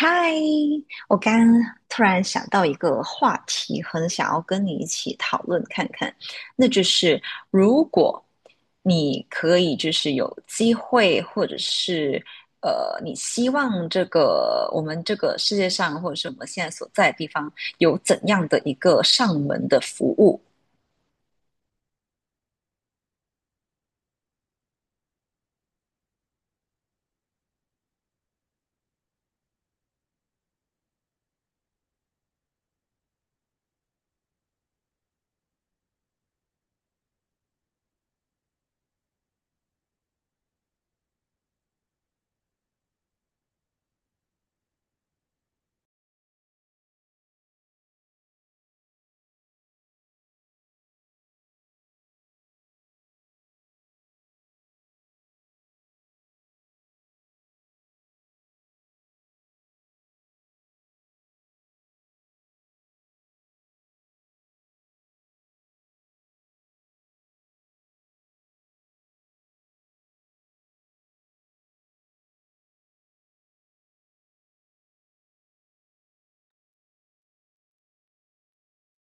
嗨，我刚突然想到一个话题，很想要跟你一起讨论看看，那就是如果你可以就是有机会，或者是你希望这个我们这个世界上，或者是我们现在所在的地方，有怎样的一个上门的服务？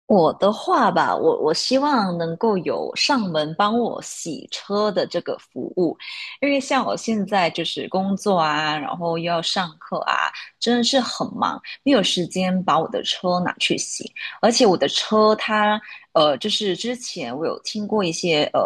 我的话吧，我希望能够有上门帮我洗车的这个服务，因为像我现在就是工作啊，然后又要上课啊，真的是很忙，没有时间把我的车拿去洗。而且我的车它，就是之前我有听过一些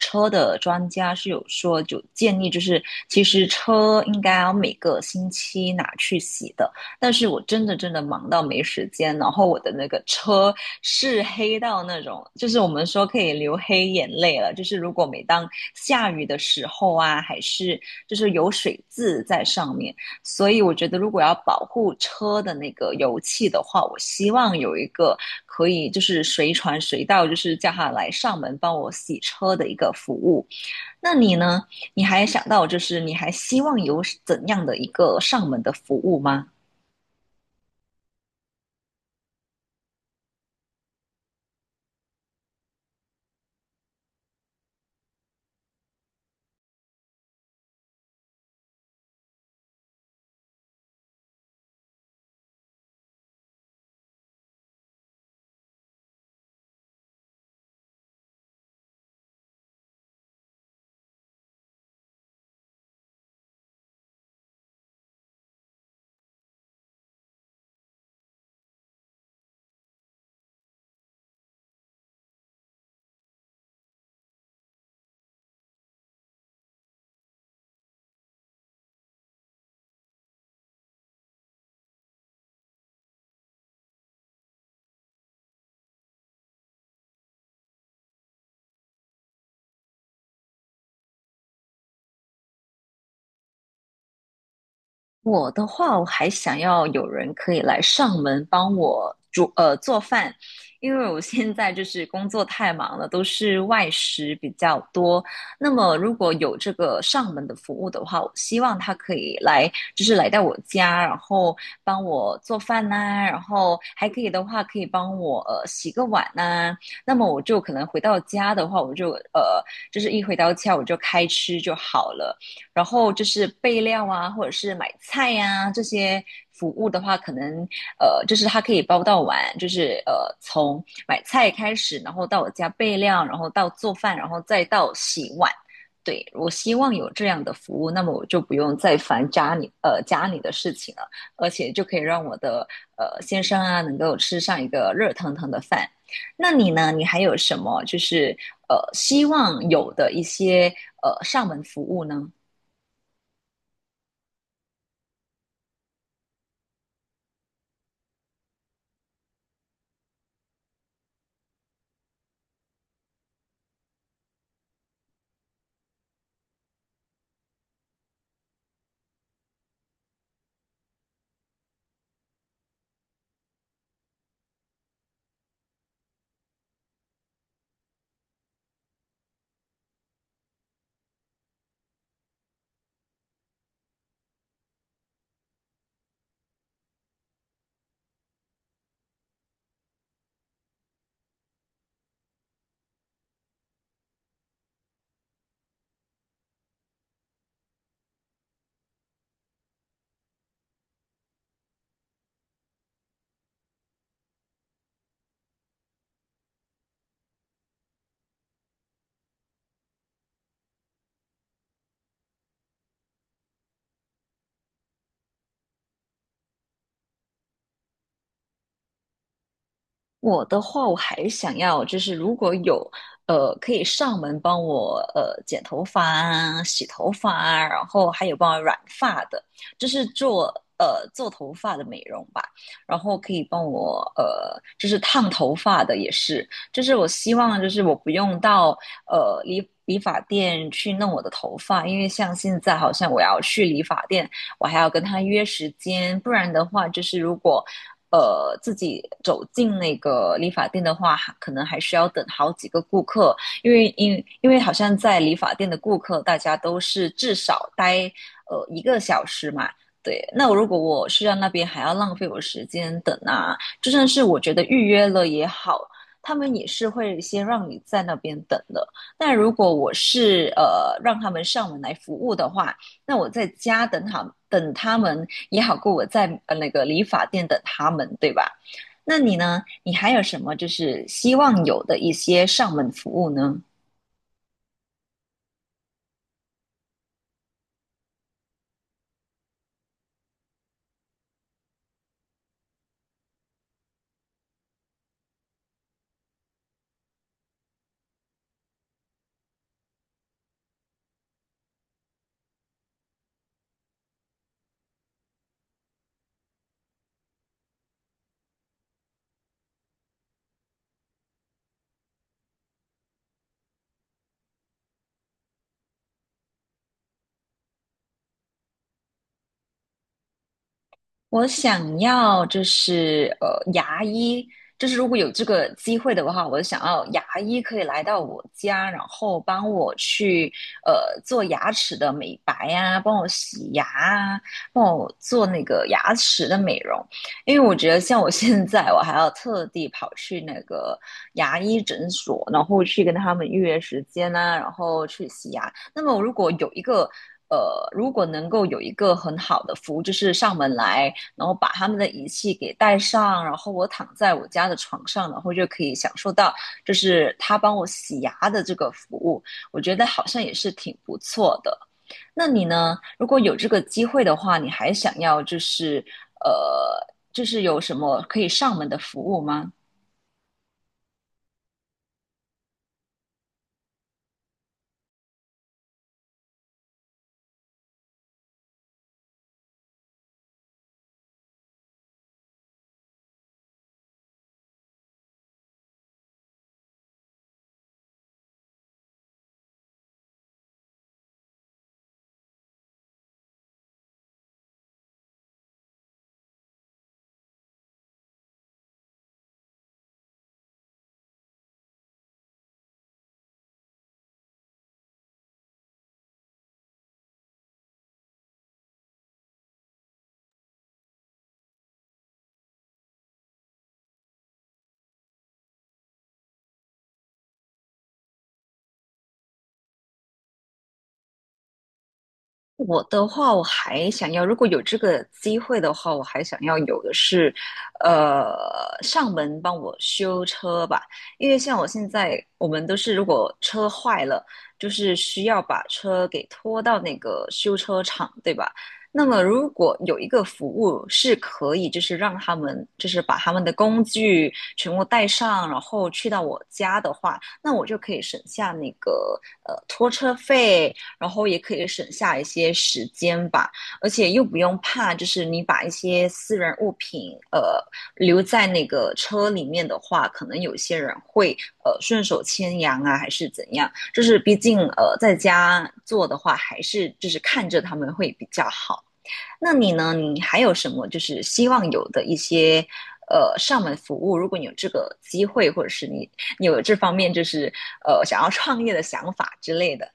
车的专家是有说，就建议就是其实车应该要每个星期拿去洗的。但是我真的真的忙到没时间，然后我的那个车是黑到那种，就是我们说可以流黑眼泪了。就是如果每当下雨的时候啊，还是就是有水渍在上面，所以我觉得如果要保护车的那个油漆的话，我希望有一个可以就是随传随到，就是叫他来上门帮我洗车的一个服务。那你呢？你还想到就是你还希望有怎样的一个上门的服务吗？我的话，我还想要有人可以来上门帮我煮做饭，因为我现在就是工作太忙了，都是外食比较多。那么如果有这个上门的服务的话，我希望他可以来，就是来到我家，然后帮我做饭呐、然后还可以的话，可以帮我洗个碗呐、那么我就可能回到家的话，我就就是一回到家我就开吃就好了。然后就是备料啊，或者是买菜呀、这些服务的话，可能，就是它可以包到完，就是，从买菜开始，然后到我家备料，然后到做饭，然后再到洗碗。对，我希望有这样的服务，那么我就不用再烦家里家里的事情了，而且就可以让我的先生啊能够吃上一个热腾腾的饭。那你呢？你还有什么就是希望有的一些上门服务呢？我的话，我还想要就是如果有可以上门帮我剪头发啊、洗头发啊，然后还有帮我染发的，就是做做头发的美容吧，然后可以帮我就是烫头发的也是，就是我希望就是我不用到理发店去弄我的头发，因为像现在好像我要去理发店，我还要跟他约时间，不然的话就是如果自己走进那个理发店的话，可能还需要等好几个顾客，因为因为好像在理发店的顾客，大家都是至少待一个小时嘛。对，那如果我需要那边还要浪费我时间等啊，就算是我觉得预约了也好，他们也是会先让你在那边等的。但如果我是让他们上门来服务的话，那我在家等他们也好过我在那个理发店等他们，对吧？那你呢？你还有什么就是希望有的一些上门服务呢？我想要就是牙医，就是如果有这个机会的话，我想要牙医可以来到我家，然后帮我去做牙齿的美白啊，帮我洗牙啊，帮我做那个牙齿的美容。因为我觉得像我现在，我还要特地跑去那个牙医诊所，然后去跟他们预约时间啊，然后去洗牙。那么如果有一个呃，如果能够有一个很好的服务，就是上门来，然后把他们的仪器给带上，然后我躺在我家的床上，然后就可以享受到就是他帮我洗牙的这个服务，我觉得好像也是挺不错的。那你呢？如果有这个机会的话，你还想要就是呃，就是有什么可以上门的服务吗？我的话，我还想要，如果有这个机会的话，我还想要有的是，呃，上门帮我修车吧。因为像我现在，我们都是如果车坏了，就是需要把车给拖到那个修车厂，对吧？那么如果有一个服务是可以，就是让他们就是把他们的工具全部带上，然后去到我家的话，那我就可以省下那个拖车费。然后也可以省下一些时间吧，而且又不用怕，就是你把一些私人物品留在那个车里面的话，可能有些人会顺手牵羊啊，还是怎样？就是毕竟在家做的话，还是就是看着他们会比较好。那你呢？你还有什么就是希望有的一些？上门服务，如果你有这个机会，或者是你有这方面就是想要创业的想法之类的，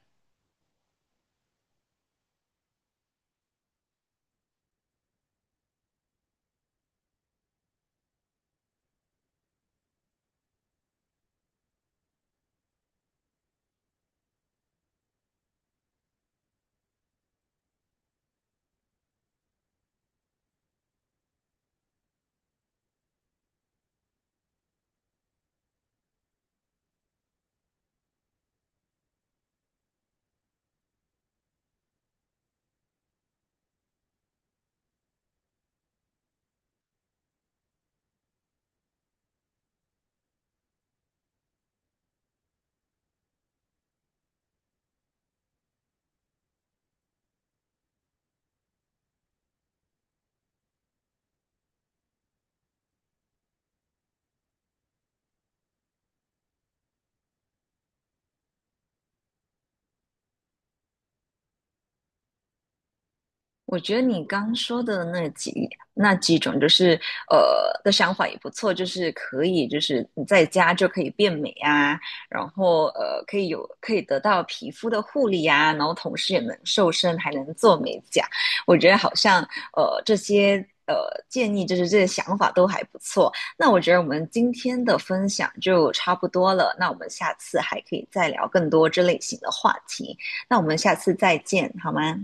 我觉得你刚说的那几种，就是的想法也不错，就是可以，就是你在家就可以变美啊，然后可以有可以得到皮肤的护理啊，然后同时也能瘦身，还能做美甲。我觉得好像这些呃建议，就是这些想法都还不错。那我觉得我们今天的分享就差不多了，那我们下次还可以再聊更多这类型的话题。那我们下次再见，好吗？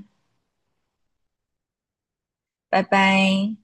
拜拜。